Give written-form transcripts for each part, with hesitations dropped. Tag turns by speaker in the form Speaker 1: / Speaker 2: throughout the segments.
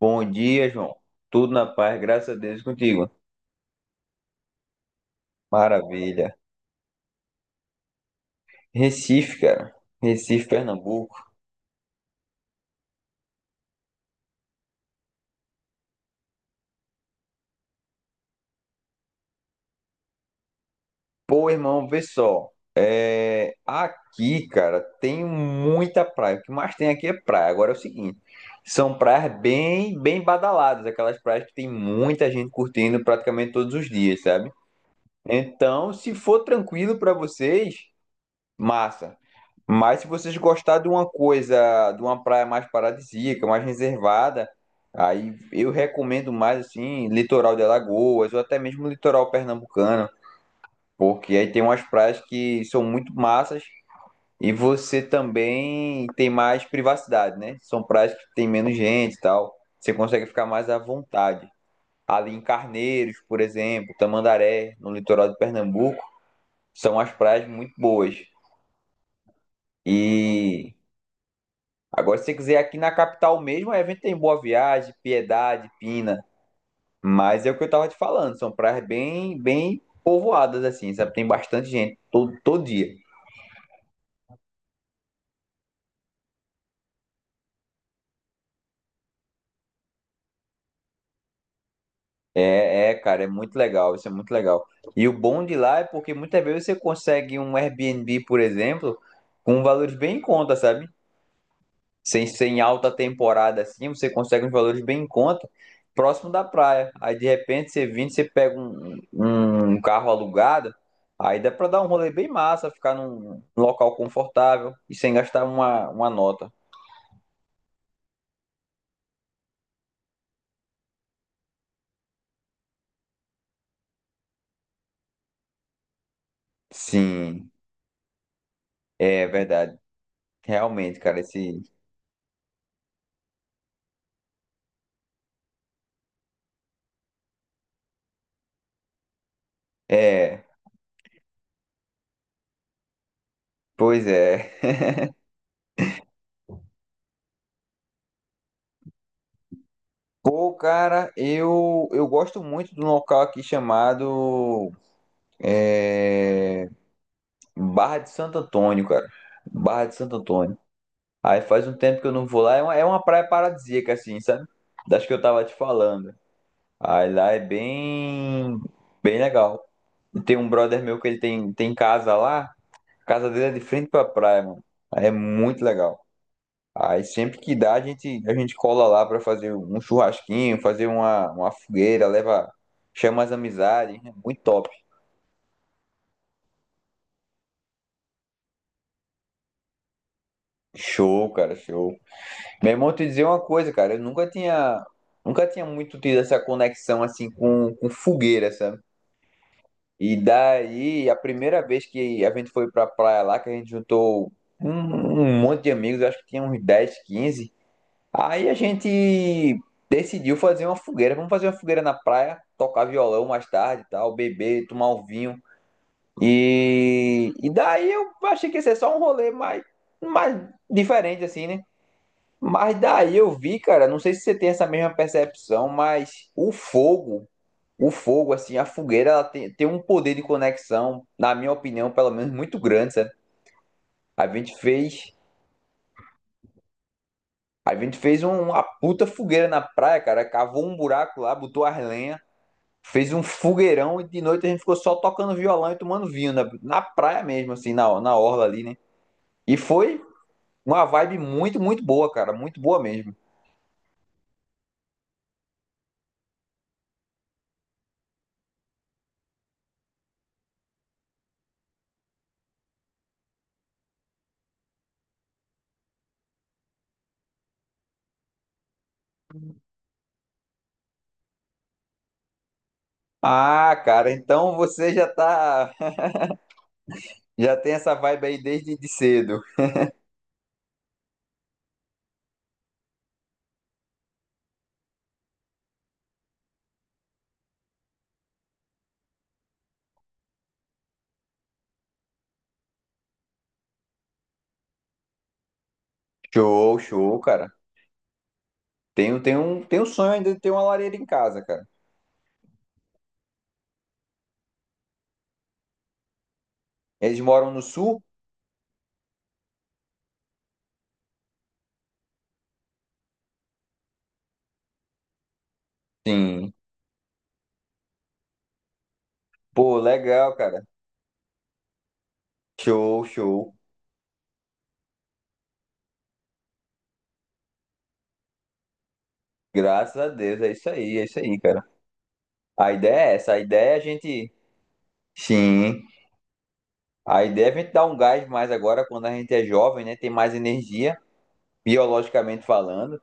Speaker 1: Bom dia, João. Tudo na paz, graças a Deus e contigo. Maravilha. Recife, cara. Recife, Pernambuco. Pô, irmão, vê só. Aqui, cara, tem muita praia. O que mais tem aqui é praia. Agora é o seguinte: são praias bem, bem badaladas, aquelas praias que tem muita gente curtindo praticamente todos os dias, sabe? Então, se for tranquilo pra vocês, massa. Mas se vocês gostarem de uma coisa, de uma praia mais paradisíaca, mais reservada, aí eu recomendo mais assim, litoral de Alagoas ou até mesmo litoral pernambucano, porque aí tem umas praias que são muito massas e você também tem mais privacidade, né? São praias que tem menos gente e tal. Você consegue ficar mais à vontade. Ali em Carneiros, por exemplo, Tamandaré, no litoral de Pernambuco, são as praias muito boas. E agora, se você quiser aqui na capital mesmo, o evento tem Boa Viagem, Piedade, Pina. Mas é o que eu tava te falando, são praias bem, bem povoadas, assim, sabe? Tem bastante gente todo dia. É, é, cara, é muito legal, isso é muito legal. E o bom de lá é porque muitas vezes você consegue um Airbnb, por exemplo, com valores bem em conta, sabe? Sem ser em alta temporada assim, você consegue uns valores bem em conta, próximo da praia. Aí de repente você vindo, você pega um carro alugado, aí dá pra dar um rolê bem massa, ficar num local confortável e sem gastar uma nota. Sim, é verdade. Realmente, cara, esse. É, pois é. Pô, cara, eu gosto muito de um local aqui chamado é, Barra de Santo Antônio, cara. Barra de Santo Antônio. Aí faz um tempo que eu não vou lá. É uma praia paradisíaca, assim, sabe? Das que eu tava te falando. Aí lá é bem, bem legal. E tem um brother meu que ele tem casa lá. A casa dele é de frente pra praia, mano. Aí é muito legal. Aí sempre que dá, a gente cola lá pra fazer um churrasquinho, fazer uma fogueira, leva, chama as amizades. É muito top. Show, cara, show. Meu irmão, te dizer uma coisa, cara. Eu nunca tinha muito tido essa conexão assim com fogueira, sabe? E daí, a primeira vez que a gente foi pra praia lá, que a gente juntou um monte de amigos, acho que tinha uns 10 15. Aí a gente decidiu fazer uma fogueira. Vamos fazer uma fogueira na praia, tocar violão mais tarde e tal, beber, tomar um vinho. E daí eu achei que ia ser só um rolê mais, mais diferente, assim, né? Mas daí eu vi, cara, não sei se você tem essa mesma percepção, mas o fogo, assim, a fogueira, ela tem um poder de conexão, na minha opinião, pelo menos, muito grande, sabe? A gente fez, a gente fez um- uma puta fogueira na praia, cara, cavou um buraco lá, botou as lenhas, fez um fogueirão e de noite a gente ficou só tocando violão e tomando vinho, na praia mesmo, assim, na orla ali, né? E foi uma vibe muito, muito boa, cara, muito boa mesmo. Ah, cara, então você já tá, já tem essa vibe aí desde de cedo. Show, show, cara. Tenho um sonho ainda de ter uma lareira em casa, cara. Eles moram no sul? Sim. Pô, legal, cara. Show, show. Graças a Deus, é isso aí, cara. A ideia é essa, a ideia é a gente. Sim. A ideia é a gente dar um gás mais agora quando a gente é jovem, né? Tem mais energia, biologicamente falando.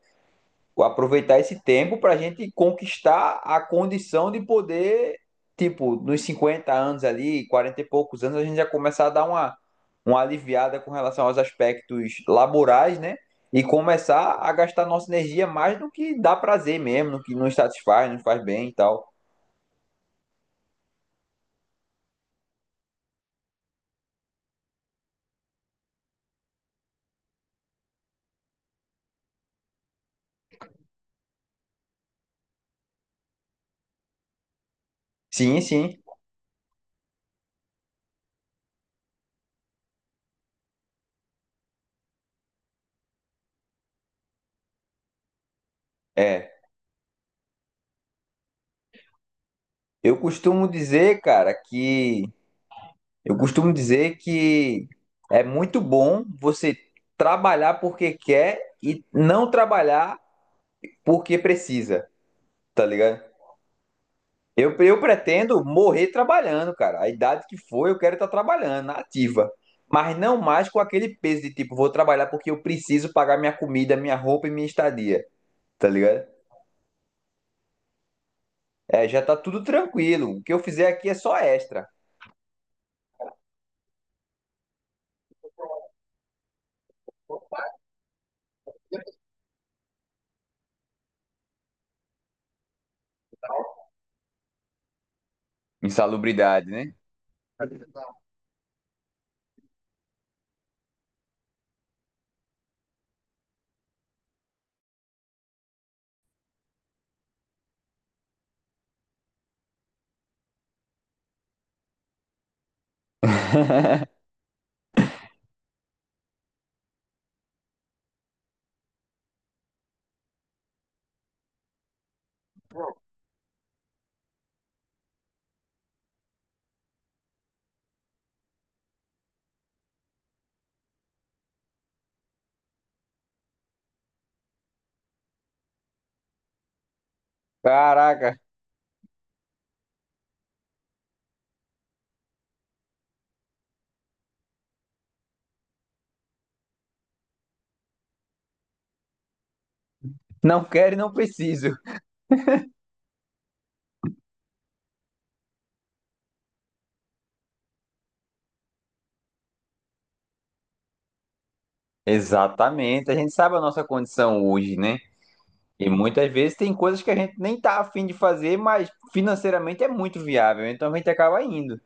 Speaker 1: Aproveitar esse tempo para a gente conquistar a condição de poder, tipo, nos 50 anos ali, 40 e poucos anos, a gente já começar a dar uma aliviada com relação aos aspectos laborais, né? E começar a gastar nossa energia mais no que dá prazer mesmo, no que nos satisfaz, nos faz bem e tal. Sim, sim. É. Eu costumo dizer, cara, que. Eu costumo dizer que é muito bom você trabalhar porque quer e não trabalhar porque precisa, tá ligado? Eu pretendo morrer trabalhando, cara. A idade que for, eu quero estar trabalhando, na ativa. Mas não mais com aquele peso de tipo, vou trabalhar porque eu preciso pagar minha comida, minha roupa e minha estadia, tá ligado? É, já tá tudo tranquilo. O que eu fizer aqui é só extra. Insalubridade, né? Caraca, não quero e não preciso. Exatamente. A gente sabe a nossa condição hoje, né? E muitas vezes tem coisas que a gente nem tá afim de fazer, mas financeiramente é muito viável. Então a gente acaba indo.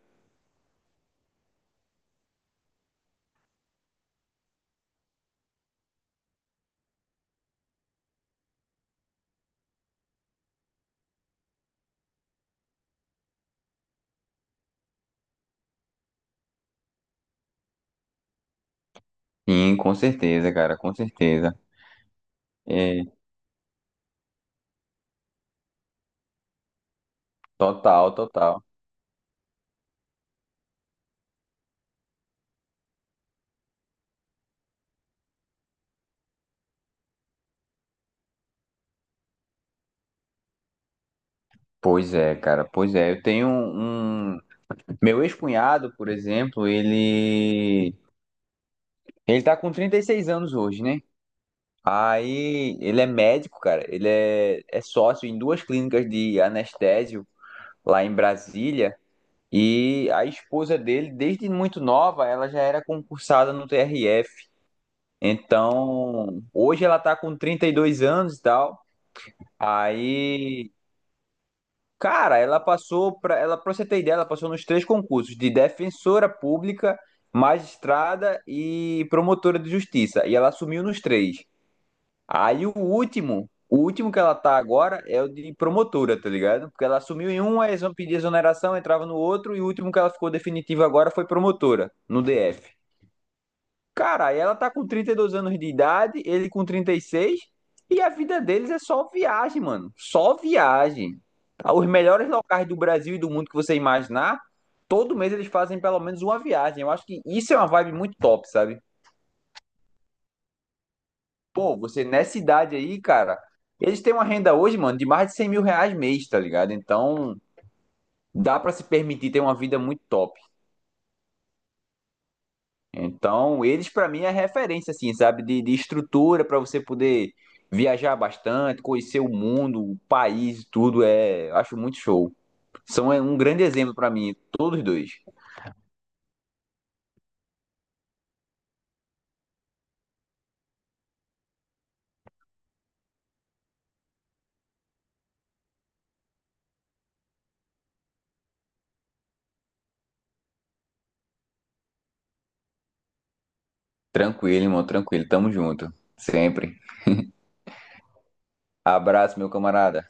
Speaker 1: Sim, com certeza, cara, com certeza. É, total, total. Pois é, cara, pois é. Eu tenho um. Meu ex-cunhado, por exemplo, ele. Ele tá com 36 anos hoje, né? Aí ele é médico, cara. Ele é sócio em duas clínicas de anestésio lá em Brasília. E a esposa dele, desde muito nova, ela já era concursada no TRF. Então, hoje ela tá com 32 anos e tal. Aí cara, ela, para você ter ideia, ela passou nos três concursos de defensora pública, magistrada e promotora de justiça, e ela assumiu nos três. Aí o último que ela tá agora é o de promotora, tá ligado? Porque ela assumiu em um, aí eles vão pedir exoneração, entrava no outro e o último que ela ficou definitivo agora foi promotora no DF. Cara, ela tá com 32 anos de idade, ele com 36, e a vida deles é só viagem, mano. Só viagem. Tá? Os melhores locais do Brasil e do mundo que você imaginar, todo mês eles fazem pelo menos uma viagem. Eu acho que isso é uma vibe muito top, sabe? Pô, você nessa idade aí, cara, eles têm uma renda hoje, mano, de mais de 100 mil reais mês, tá ligado? Então, dá pra se permitir ter uma vida muito top. Então, eles para mim é referência, assim, sabe, de estrutura para você poder viajar bastante, conhecer o mundo, o país, tudo é, acho muito show. São é, um grande exemplo para mim, todos dois. Tranquilo, irmão, tranquilo, tamo junto, sempre. Abraço, meu camarada.